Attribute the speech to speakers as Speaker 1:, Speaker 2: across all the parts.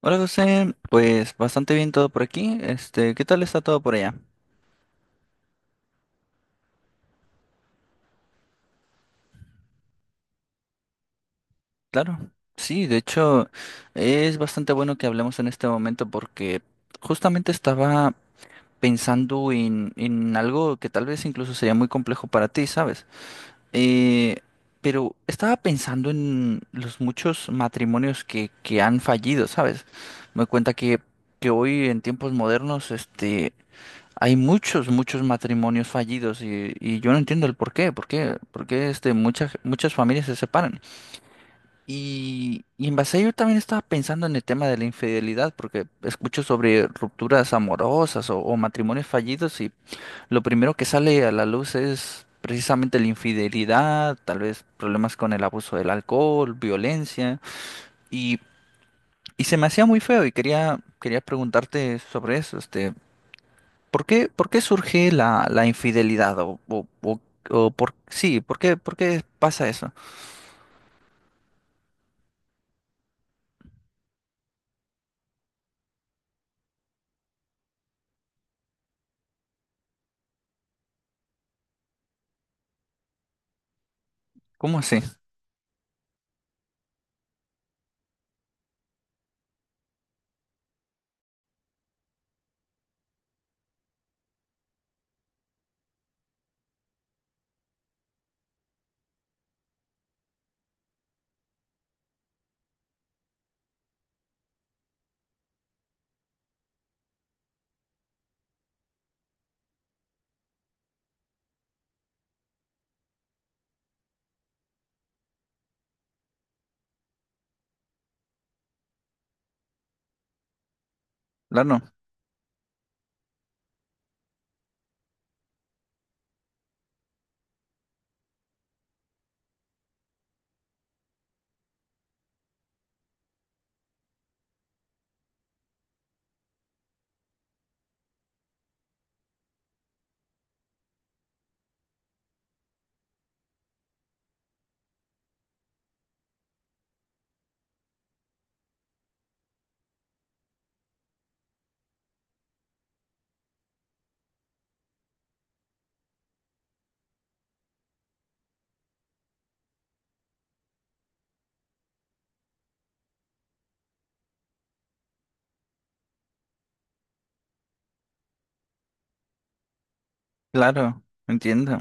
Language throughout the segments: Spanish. Speaker 1: Hola José, pues bastante bien todo por aquí. ¿Qué tal está todo por allá? Claro, sí, de hecho es bastante bueno que hablemos en este momento porque justamente estaba pensando en algo que tal vez incluso sería muy complejo para ti, ¿sabes? Eh, pero estaba pensando en los muchos matrimonios que han fallido, ¿sabes? Me doy cuenta que hoy en tiempos modernos, hay muchos matrimonios fallidos y yo no entiendo el por qué muchas familias se separan. Y en base a ello también estaba pensando en el tema de la infidelidad, porque escucho sobre rupturas amorosas o matrimonios fallidos y lo primero que sale a la luz es precisamente la infidelidad, tal vez problemas con el abuso del alcohol, violencia y, y se me hacía muy feo y quería preguntarte sobre eso, ¿Por qué surge la infidelidad? O por, sí, por qué pasa eso? ¿Cómo así? Claro, claro, entiendo.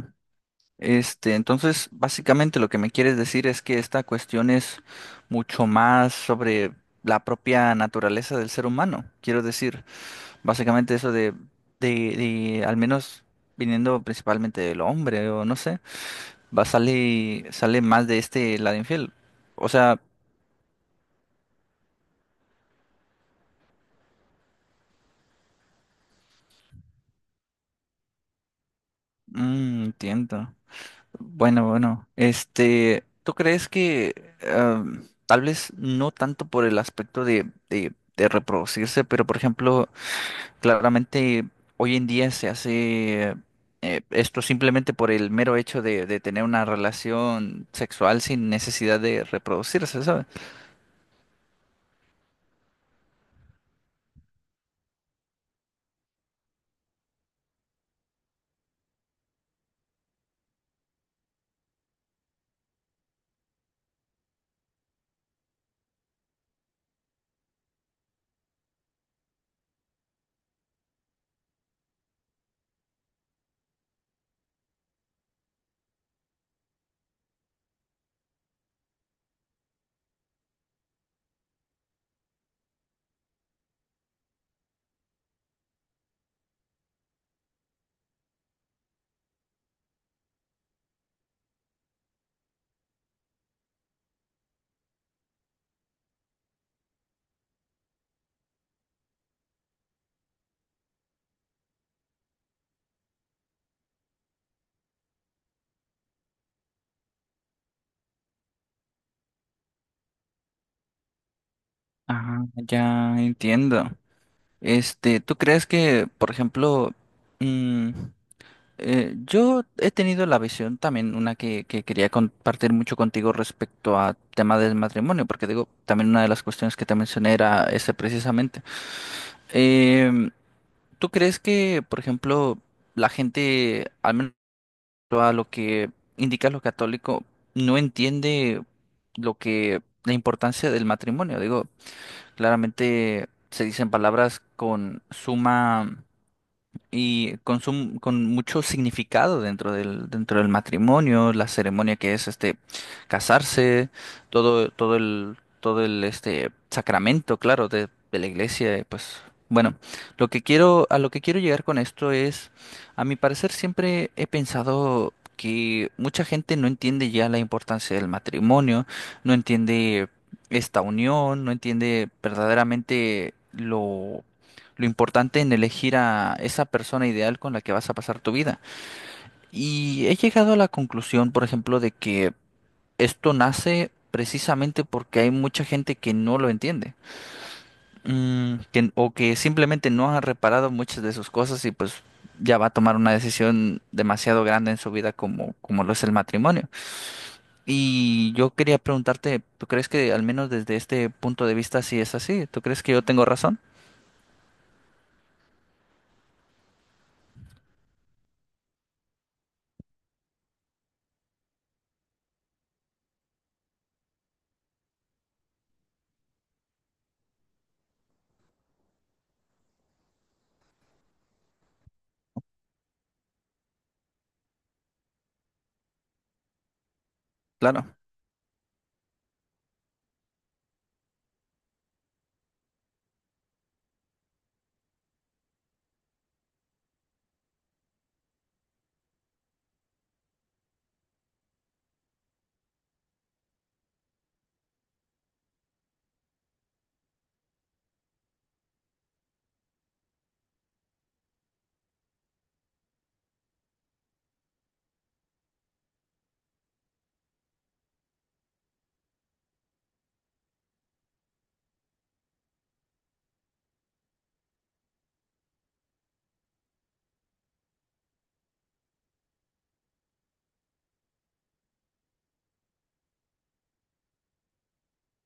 Speaker 1: Entonces, básicamente lo que me quieres decir es que esta cuestión es mucho más sobre la propia naturaleza del ser humano. Quiero decir, básicamente eso de, de al menos viniendo principalmente del hombre, o no sé, sale más de este lado infiel. O sea, mm, entiendo. Bueno, bueno, este, ¿tú crees que ah, tal vez no tanto por el aspecto de reproducirse, pero por ejemplo, claramente hoy en día se hace esto simplemente por el mero hecho de tener una relación sexual sin necesidad de reproducirse, ¿sabes? Ah, ya entiendo. Este, ¿tú crees que, por ejemplo, mm, yo he tenido la visión también, una que quería compartir mucho contigo respecto a tema del matrimonio, porque digo, también una de las cuestiones que te mencioné era ese precisamente. Em, ¿Tú crees que, por ejemplo, la gente, al menos a lo que indica lo católico, no entiende lo que, la importancia del matrimonio? Digo, claramente se dicen palabras con suma y con mucho significado dentro del matrimonio, la ceremonia que es casarse, todo el sacramento, claro, de la iglesia, y pues bueno, a lo que quiero llegar con esto es, a mi parecer siempre he pensado que mucha gente no entiende ya la importancia del matrimonio, no entiende esta unión, no entiende verdaderamente lo importante en elegir a esa persona ideal con la que vas a pasar tu vida. Y he llegado a la conclusión, por ejemplo, de que esto nace precisamente porque hay mucha gente que no lo entiende, mm, que- o que simplemente no ha reparado muchas de sus cosas y pues ya va a tomar una decisión demasiado grande en su vida como lo es el matrimonio. Y yo quería preguntarte, ¿tú crees que al menos desde este punto de vista sí es así? ¿Tú crees que yo tengo razón? Claro,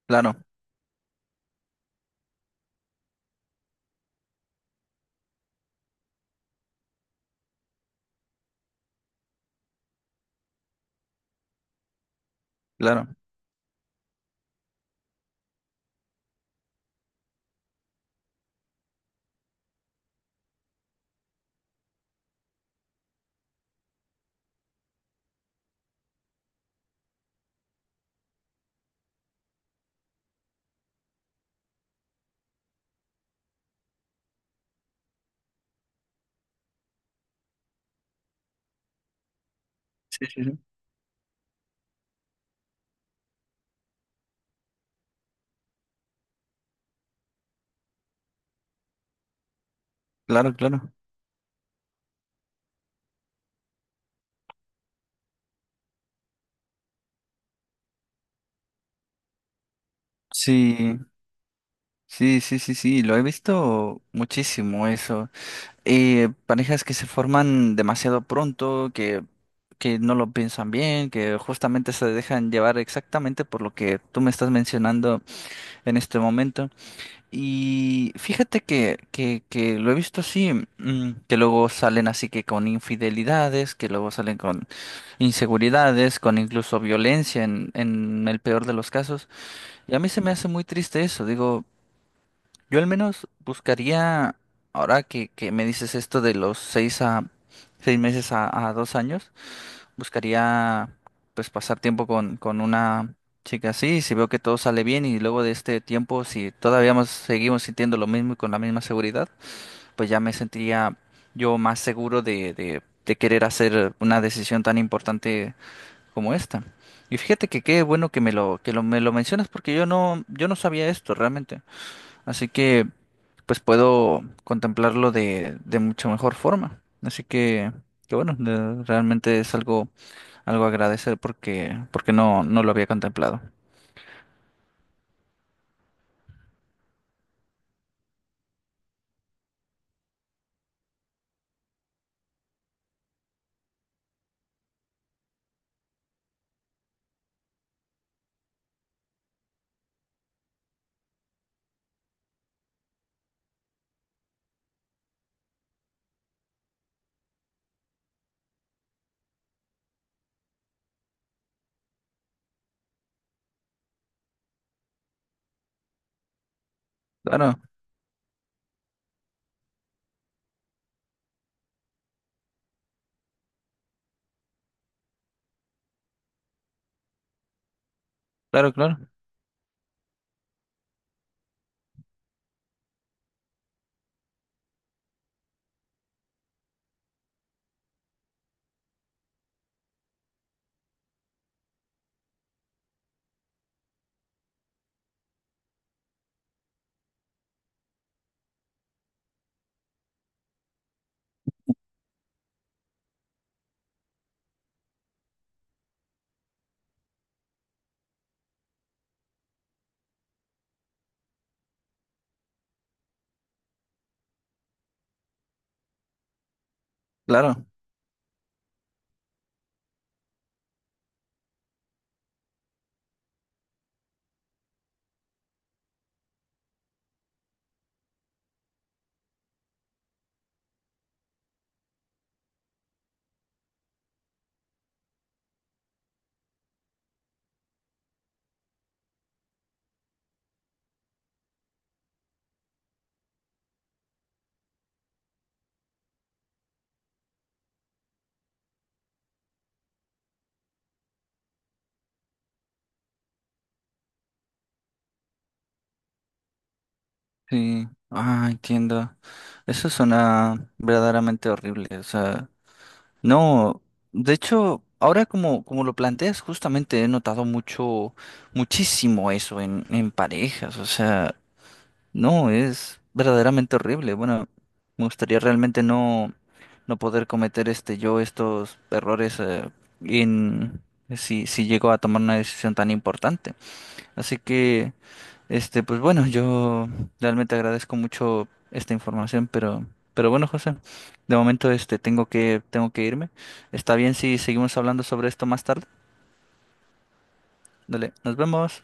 Speaker 1: claro, claro. Sí, sí, sí. Claro, claro. Sí, sí, sí, sí, sí, lo he visto muchísimo eso. Parejas que se forman demasiado pronto, que no lo piensan bien, que justamente se dejan llevar exactamente por lo que tú me estás mencionando en este momento. Y fíjate que lo he visto así, mm, que luego salen así que con infidelidades, que luego salen con inseguridades, con incluso violencia en el peor de los casos. Y a mí se me hace muy triste eso, digo. Yo al menos buscaría, ahora que me dices esto de los seis meses a dos años, buscaría pues pasar tiempo con una chica así, si veo que todo sale bien y luego de este tiempo, si todavía seguimos sintiendo lo mismo y con la misma seguridad, pues ya me sentiría yo más seguro de querer hacer una decisión tan importante como esta. Y fíjate que qué bueno que me lo mencionas porque yo no sabía esto realmente. Así que pues puedo contemplarlo de mucha mejor forma. Así que bueno, de- realmente es algo, algo a agradecer porque, porque no, no lo había contemplado. Claro, claro, claro, claro. Sí. Ah, entiendo. Eso suena verdaderamente horrible. O sea, no. De hecho, ahora como lo planteas, justamente he notado muchísimo eso en parejas. O sea. No, es verdaderamente horrible. Bueno, me gustaría realmente no poder cometer este yo estos errores en si llego a tomar una decisión tan importante. Así que, este, pues bueno, yo realmente agradezco mucho esta información, pero bueno, José, de momento este tengo tengo que irme. Está bien si seguimos hablando sobre esto más tarde. Dale, nos vemos.